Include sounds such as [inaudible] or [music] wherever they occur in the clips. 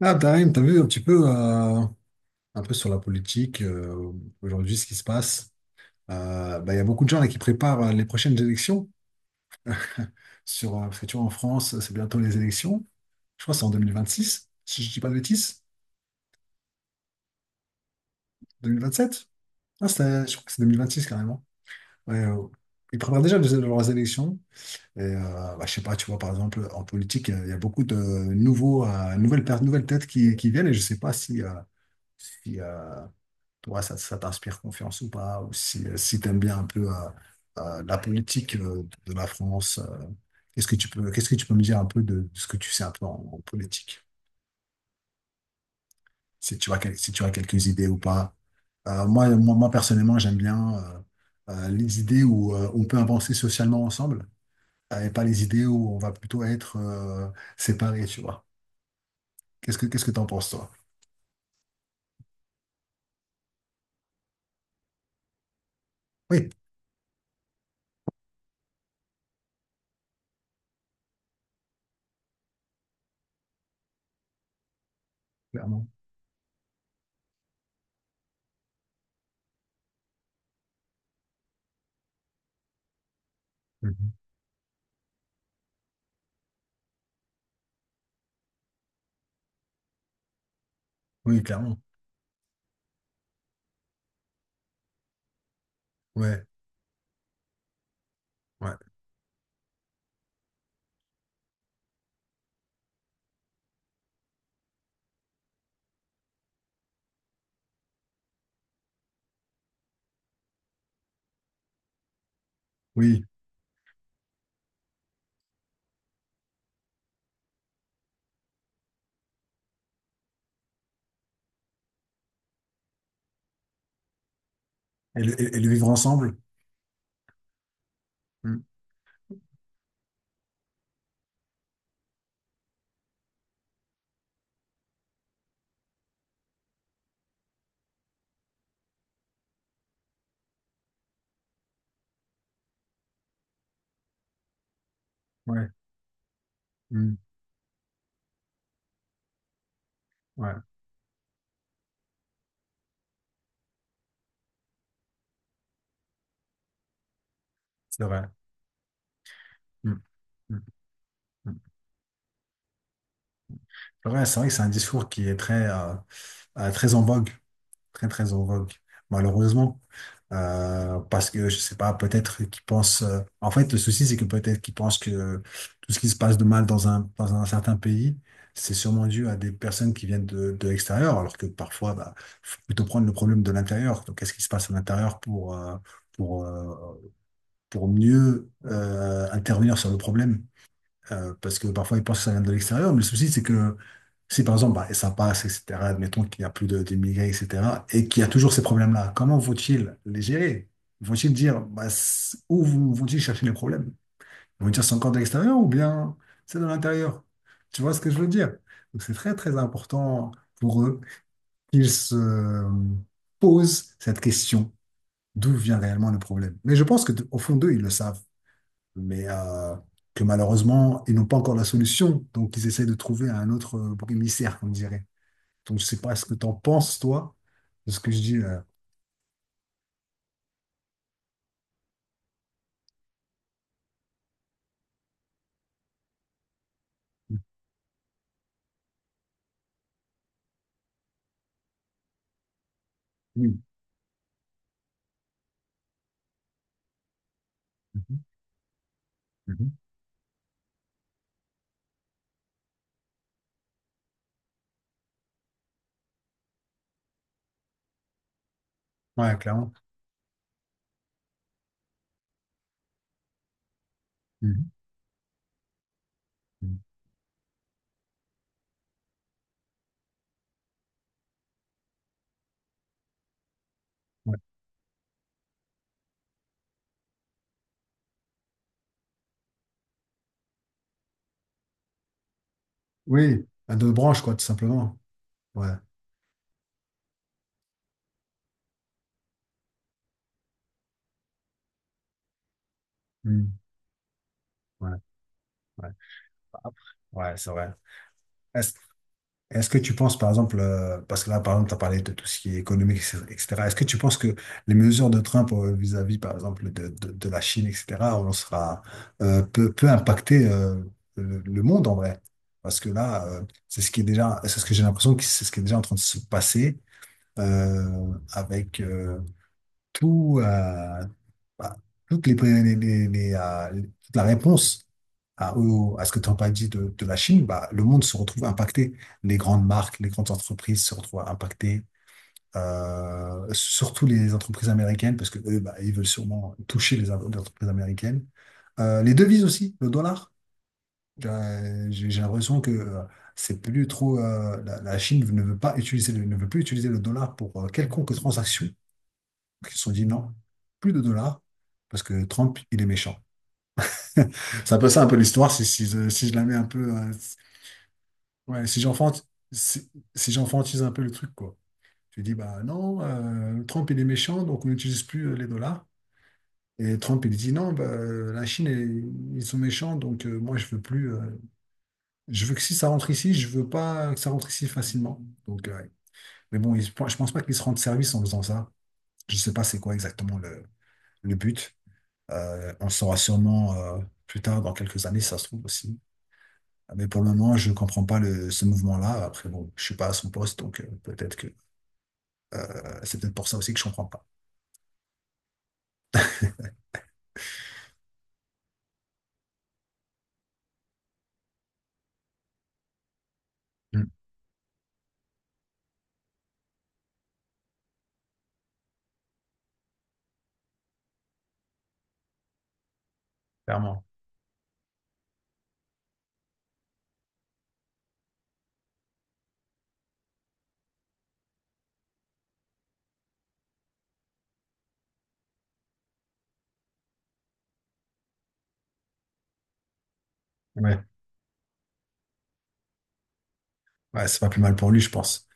Ah, Tarim, t'as vu un petit peu, un peu sur la politique, aujourd'hui, ce qui se passe. Il y a beaucoup de gens là, qui préparent les prochaines élections. Sur, parce que tu vois, en France, c'est bientôt les élections. Je crois que c'est en 2026, si je dis pas de bêtises. 2027? Je crois que c'est 2026 carrément. Ouais, euh, Ils préparent déjà leurs élections. Je sais pas, tu vois, par exemple, en politique, il y a beaucoup de nouveaux, nouvelles têtes qui viennent et je sais pas si toi, ça t'inspire confiance ou pas, ou si, si tu aimes bien un peu la politique de la France, qu'est-ce que tu peux me dire un peu de ce que tu sais un peu en politique, si tu as, si tu as quelques idées ou pas. Moi, personnellement, j'aime bien les idées où on peut avancer socialement ensemble, et pas les idées où on va plutôt être séparés, tu vois. Qu'est-ce que t'en penses, toi? Oui, clairement. Mhm. Oui, clairement. Ouais, ouais. Oui. Et le, et le vivre ensemble. Mm. Ouais. Mm, ouais, c'est vrai. Mm, mm, mm. Ouais, c'est vrai que c'est un discours qui est très en vogue, très, très en vogue, malheureusement. Parce que, je sais pas, peut-être qu'ils pensent... En fait, le souci, c'est que peut-être qu'ils pensent que tout ce qui se passe de mal dans un certain pays, c'est sûrement dû à des personnes qui viennent de l'extérieur, alors que parfois, bah, faut plutôt prendre le problème de l'intérieur. Donc, qu'est-ce qui se passe à l'intérieur pour, pour, euh, pour mieux intervenir sur le problème? Parce que parfois ils pensent que ça vient de l'extérieur, mais le souci c'est que si par exemple bah, ça passe, etc., admettons qu'il n'y a plus d'immigrés, etc., et qu'il y a toujours ces problèmes-là, comment vont-ils les gérer? Vont-ils dire bah, où vont-ils chercher les problèmes? Ils vont dire c'est encore de l'extérieur ou bien c'est de l'intérieur? Tu vois ce que je veux dire? Donc c'est très très important pour eux qu'ils se posent cette question. D'où vient réellement le problème? Mais je pense que de- au fond d'eux, ils le savent mais que malheureusement, ils n'ont pas encore la solution. Donc, ils essaient de trouver un autre bouc émissaire, comme dirait. Donc, je sais pas ce que tu en penses, toi, de ce que je dis là. Oui. Mhm. Mhm. Ouais, clairement. Mhm. Mhm. Ouais. Oui, à deux branches, quoi, tout simplement. Ouais. Mhm. Ouais. Ouais. Bah, Après- Ouais, c'est vrai. Est-ce que tu penses, par exemple, parce que là, par exemple, tu as parlé de tout ce qui est économique, etc. Est-ce que tu penses que les mesures de Trump vis-à-vis, par exemple, de la Chine, etc., on sera, peut impacter le monde en vrai? Parce que là, c'est ce qui est déjà, c'est ce que j'ai l'impression que c'est ce qui est déjà en train de se passer avec tout. Bah, toutes les- toute la réponse à ce que Trump a dit de la Chine, bah, le monde se retrouve impacté. Les grandes marques, les grandes entreprises se retrouvent impactées, surtout les entreprises américaines, parce que eux, bah, ils veulent sûrement toucher les entreprises américaines. Les devises aussi, le dollar. J'ai l'impression que c'est plus trop. La Chine ne veut pas ne veut plus utiliser le dollar pour quelconque transaction. Donc, ils se sont dit non, plus de dollars, parce que Trump, il est méchant. [laughs] C'est un peu ça, un peu l'histoire, si je la mets un peu. Ouais, si j'enfante, si j'enfantise un peu le truc, quoi. Tu dis, bah non, Trump, il est méchant, donc on n'utilise plus les dollars. Et Trump, il dit, non, bah, ils sont méchants, donc moi, je veux plus. Je veux que si ça rentre ici, je veux pas que ça rentre ici facilement. Donc, ouais. Mais bon, je pense pas qu'ils se rendent service en faisant ça. Je sais pas c'est quoi exactement le but. On le saura sûrement plus tard, dans quelques années, si ça se trouve aussi. Ah, mais pour le moment, je ne comprends pas ce mouvement-là. Après, bon, je ne suis pas à son poste, donc peut-être que c'est peut-être pour ça aussi que je ne comprends pas. Mm. Clairement. Ouais. Ouais, c'est pas plus mal pour lui, je pense.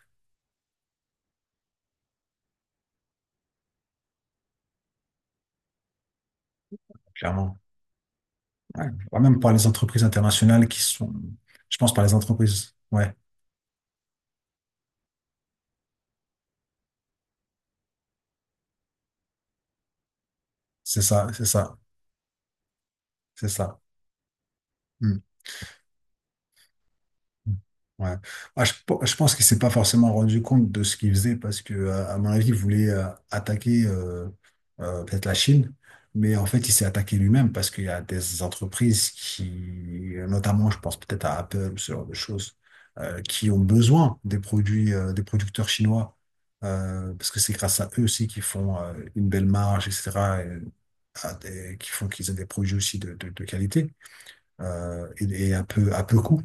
Clairement. Ouais. Ouais, même par les entreprises internationales qui sont. Je pense par les entreprises. Ouais, c'est ça, c'est ça, c'est ça. Mm. Ouais. Je pense qu'il s'est pas forcément rendu compte de ce qu'il faisait parce que, à mon avis, il voulait attaquer peut-être la Chine, mais en fait, il s'est attaqué lui-même parce qu'il y a des entreprises notamment, je pense peut-être à Apple, ce genre de choses, qui ont besoin des produits des producteurs chinois parce que c'est grâce à eux aussi qu'ils font une belle marge, etc. Qui font qu'ils aient des produits aussi de qualité et à à peu coût.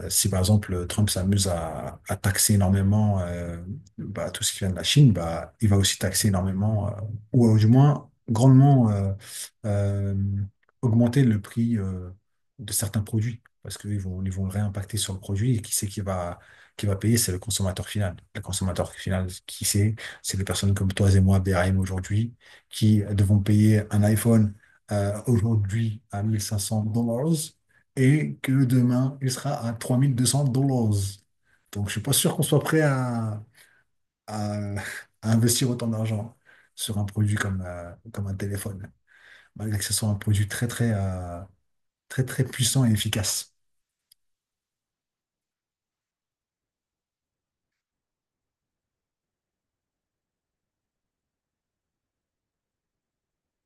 Si par exemple Trump s'amuse à taxer énormément bah, tout ce qui vient de la Chine, bah, il va aussi taxer énormément, ou du moins grandement euh, augmenter le prix de certains produits, parce ils vont le réimpacter sur le produit et qui c'est qui va payer, c'est le consommateur final. Le consommateur final, qui c'est? C'est les personnes comme toi et moi, BRM aujourd'hui, qui devons payer un iPhone aujourd'hui à 1500 dollars et que demain, il sera à 3200 dollars. Donc, je suis pas sûr qu'on soit prêt à- [laughs] à investir autant d'argent sur un produit comme, comme un téléphone, malgré que ce soit un produit très, très puissant et efficace.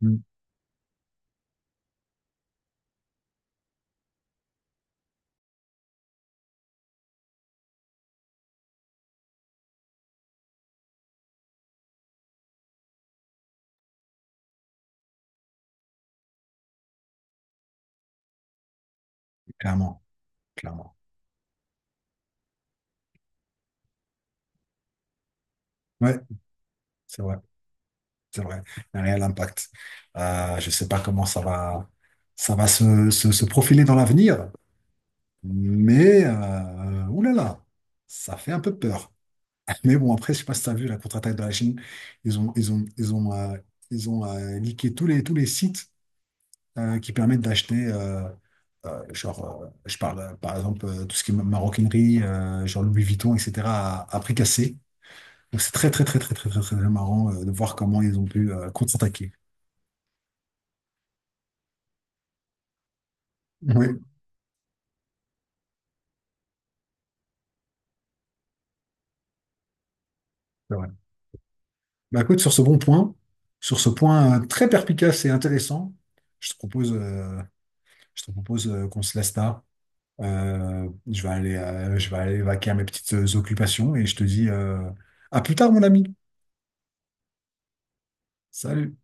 Mm. Clairement, clairement. Ouais, c'est vrai, c'est vrai. Il y a un réel impact. Je sais pas comment ça va se profiler dans l'avenir, mais oulala, ça fait un peu peur. Mais bon, après, je sais pas si tu as vu la contre-attaque de la Chine. Ils ont, ils ont, ils ont, ils ont niqué tous les sites qui permettent d'acheter, genre, je parle par exemple tout ce qui est maroquinerie, genre Louis Vuitton, etc., à prix cassé. Donc c'est très, très, très, très, très, très, très marrant de voir comment ils ont pu contre-attaquer. Oui, c'est vrai. Bah, écoute, sur ce bon point, sur ce point très perspicace et intéressant, je te propose, euh, je te propose qu'on se laisse là. Je vais aller vaquer à mes petites occupations et je te dis à plus tard, mon ami. Salut.